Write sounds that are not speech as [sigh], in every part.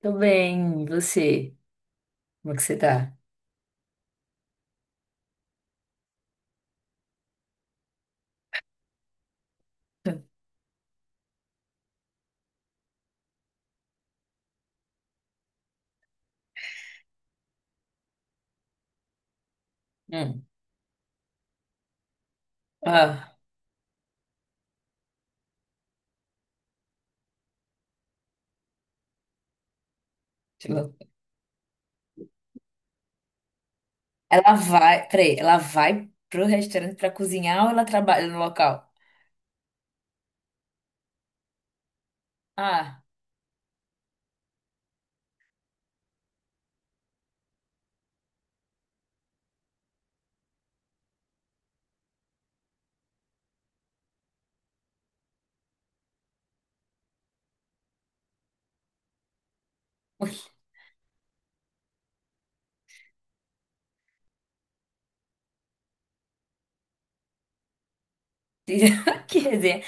Tô bem, e você? Como é que você tá? Hum. Ah, que lou- ela vai, peraí, ela vai pro restaurante pra cozinhar ou ela trabalha no local? Ah, [laughs] que resenha.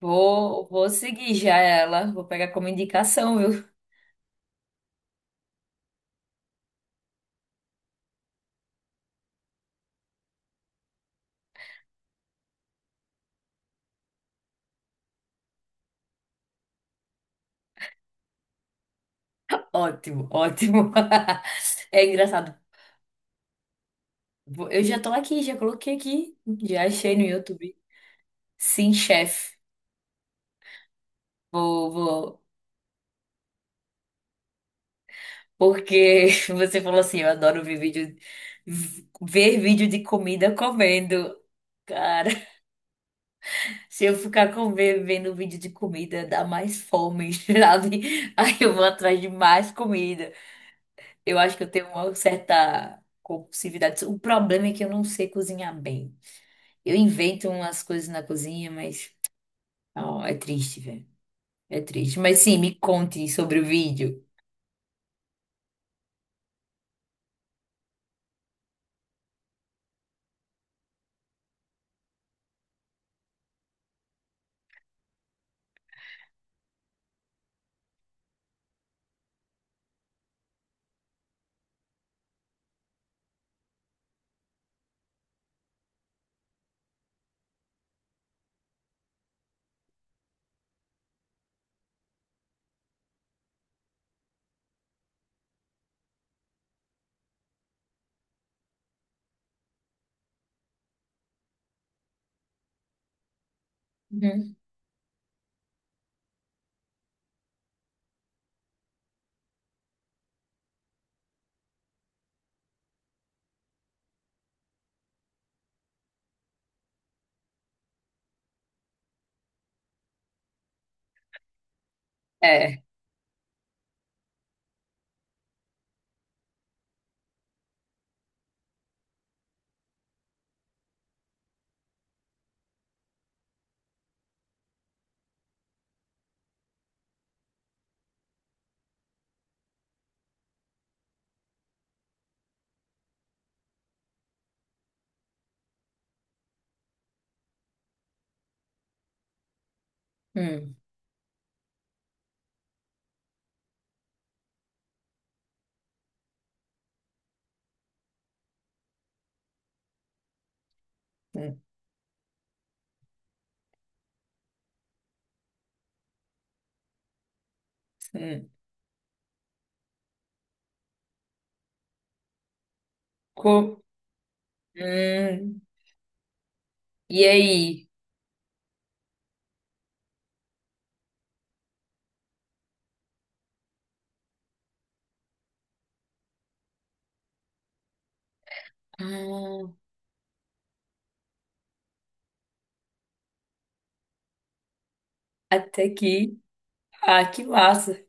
Vou seguir já ela, vou pegar como indicação, viu? Ótimo, ótimo. [laughs] É engraçado. Eu já tô aqui, já coloquei aqui, já achei no YouTube. Sim, chefe. Vou. Porque [laughs] você falou assim, eu adoro ver vídeo, ver vídeo de comida comendo. Cara, [laughs] se eu ficar com, vendo vídeo de comida, dá mais fome, [laughs] sabe? Aí eu vou atrás de mais comida. Eu acho que eu tenho uma certa compulsividade. O problema é que eu não sei cozinhar bem. Eu invento umas coisas na cozinha, mas ó, é triste, velho. É triste. Mas sim, me conte sobre o vídeo. Uhum. É. Hum, hum, hum. Co- hum. E aí? Ah, até aqui. Ah, que massa.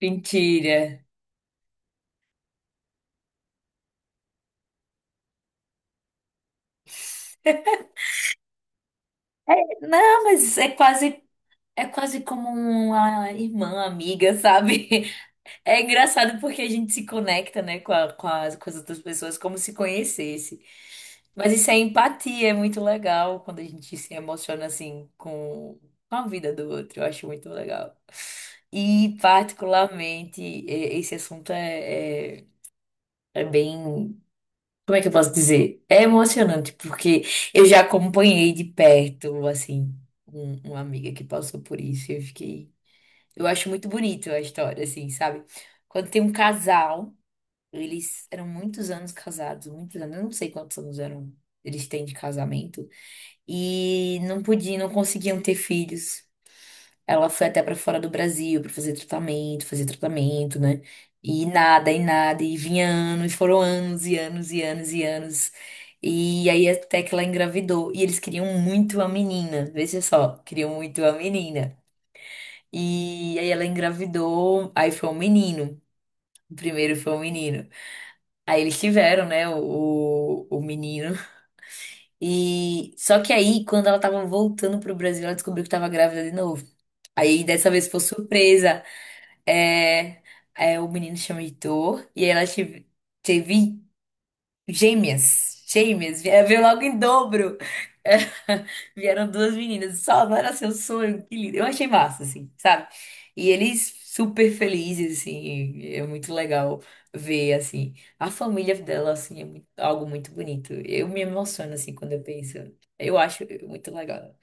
Mentira. Não, mas é quase como uma irmã, amiga, sabe? [laughs] É engraçado porque a gente se conecta, né, com as outras pessoas como se conhecesse. Mas isso é empatia, é muito legal quando a gente se emociona assim com a vida do outro. Eu acho muito legal. E particularmente, esse assunto é, é, é bem. Como é que eu posso dizer? É emocionante, porque eu já acompanhei de perto, assim, uma amiga que passou por isso. Eu fiquei. Eu acho muito bonito a história, assim, sabe? Quando tem um casal, eles eram muitos anos casados, muitos anos, eu não sei quantos anos eram, eles têm de casamento, e não podiam, não conseguiam ter filhos. Ela foi até pra fora do Brasil pra fazer tratamento, né? E nada, e nada, e vinha anos, foram anos e anos e anos e anos. E aí até que ela engravidou. E eles queriam muito a menina, veja só, queriam muito a menina. E aí ela engravidou, aí foi um menino. O primeiro foi um menino. Aí eles tiveram, né, o menino. E só que aí, quando ela tava voltando pro Brasil, ela descobriu que tava grávida de novo. Aí dessa vez foi surpresa. É, é, o menino chama Heitor e aí ela teve, teve gêmeas. Gêmeas, veio logo em dobro. É, [laughs] vieram duas meninas. Só não era seu sonho, que lindo. Eu achei massa, assim, sabe? E eles super felizes, assim, é muito legal ver, assim, a família dela, assim, é algo muito bonito. Eu me emociono, assim, quando eu penso. Eu acho muito legal.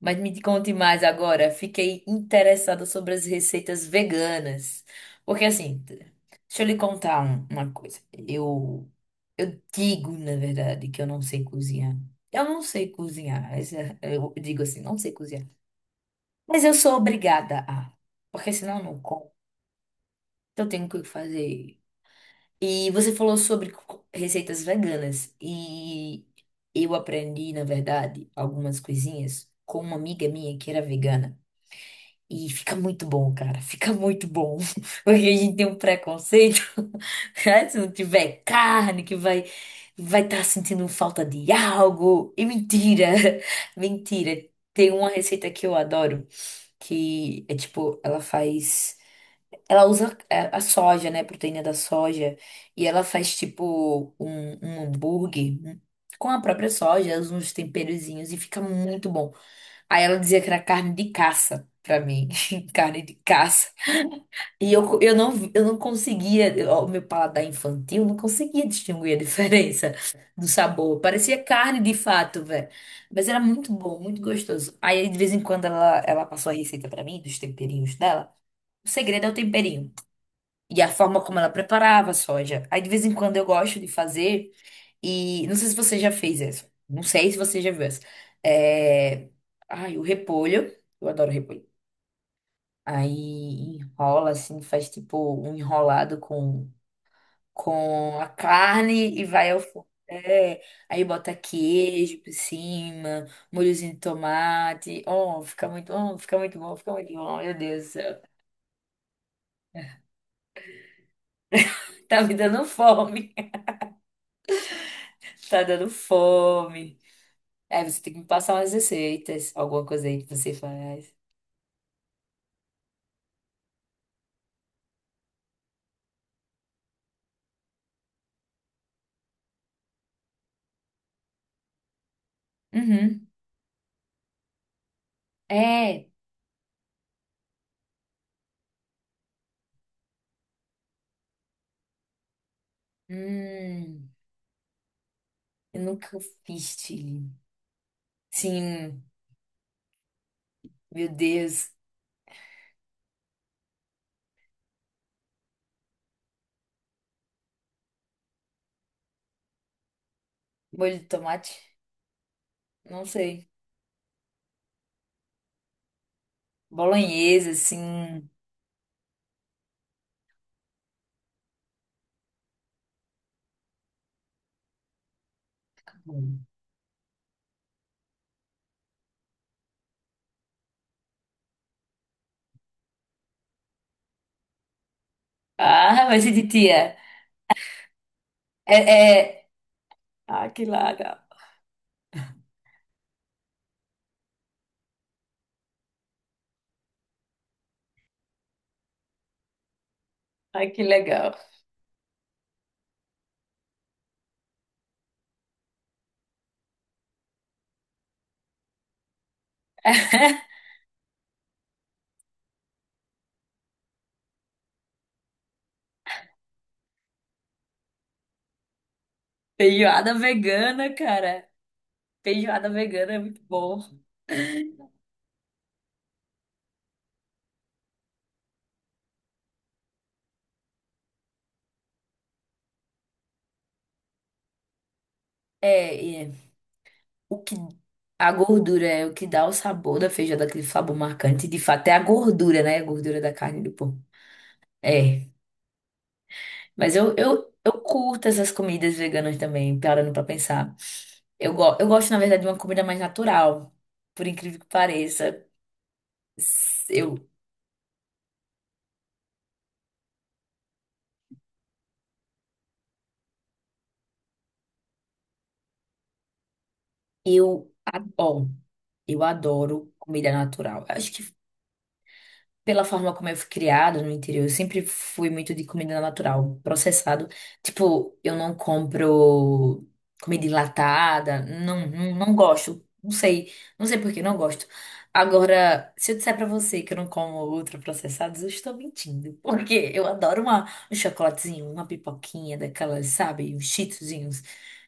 Mas me conte mais agora. Fiquei interessada sobre as receitas veganas. Porque assim, deixa eu lhe contar uma coisa. Eu digo, na verdade, que eu não sei cozinhar. Eu não sei cozinhar. Eu digo assim, não sei cozinhar. Mas eu sou obrigada a. Porque senão eu não como. Então eu tenho que fazer. E você falou sobre receitas veganas. E eu aprendi, na verdade, algumas coisinhas com uma amiga minha que era vegana. E fica muito bom, cara. Fica muito bom. [laughs] Porque a gente tem um preconceito. [laughs] né? Se não tiver carne, que vai vai estar sentindo falta de algo. E mentira. [laughs] Mentira. Tem uma receita que eu adoro, que é tipo, ela faz. Ela usa é, a soja, né? a Proteína da soja. E ela faz tipo um, um hambúrguer com a própria soja, usa uns temperozinhos e fica muito bom. Aí ela dizia que era carne de caça pra mim, [laughs] carne de caça. E eu não conseguia, ó, o meu paladar infantil não conseguia distinguir a diferença [laughs] do sabor. Parecia carne de fato, velho. Mas era muito bom, muito gostoso. Aí de vez em quando ela passou a receita pra mim, dos temperinhos dela. O segredo é o temperinho. E a forma como ela preparava a soja. Aí de vez em quando eu gosto de fazer. E não sei se você já fez essa. Não sei se você já viu essa. É... Ai, o repolho. Eu adoro repolho. Aí enrola assim, faz tipo um enrolado com a carne e vai ao forno. É, aí bota queijo por cima, molhozinho de tomate. Oh, fica muito bom, fica muito bom. Meu Deus do céu. Tá me dando fome. [laughs] Tá dando fome. É, você tem que me passar umas receitas, alguma coisa aí que você faz. Uhum. É. Hum, eu nunca fiz chili. Sim, meu Deus. Molho de tomate? Não sei. Bolonhesa, assim. Ah, vai ser de tia. É, é. Ah, que legal. Ah, que legal. [laughs] Feijoada vegana, cara. Feijoada vegana é muito bom. É, o que a gordura é o que dá o sabor da feijoada, aquele sabor marcante. De fato, é a gordura, né? A gordura da carne do porco. É. Mas eu curto essas comidas veganas também, parando pra pensar. Eu gosto, na verdade, de uma comida mais natural, por incrível que pareça. Eu, ó, eu adoro comida natural. Acho que pela forma como eu fui criada no interior, eu sempre fui muito de comida natural, processado. Tipo, eu não compro comida enlatada, não, não, não gosto. Não sei, não sei por que não gosto. Agora, se eu disser pra você que eu não como ultraprocessados, eu estou mentindo. [laughs] Porque eu adoro uma, um chocolatezinho, uma pipoquinha daquelas, sabe? Uns cheetozinhos.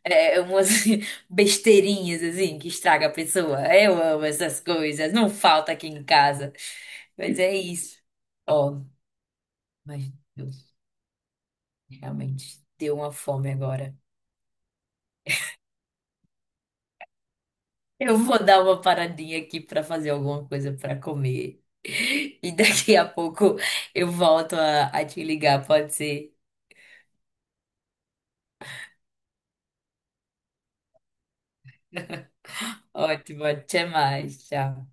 É, umas [laughs] besteirinhas, assim, que estraga a pessoa. Eu amo essas coisas. Não falta aqui em casa. Mas é isso. Ó, mas eu realmente deu uma fome agora. Eu vou dar uma paradinha aqui para fazer alguma coisa para comer. E daqui a pouco eu volto a te ligar, pode ser? Ótimo, até mais. Tchau.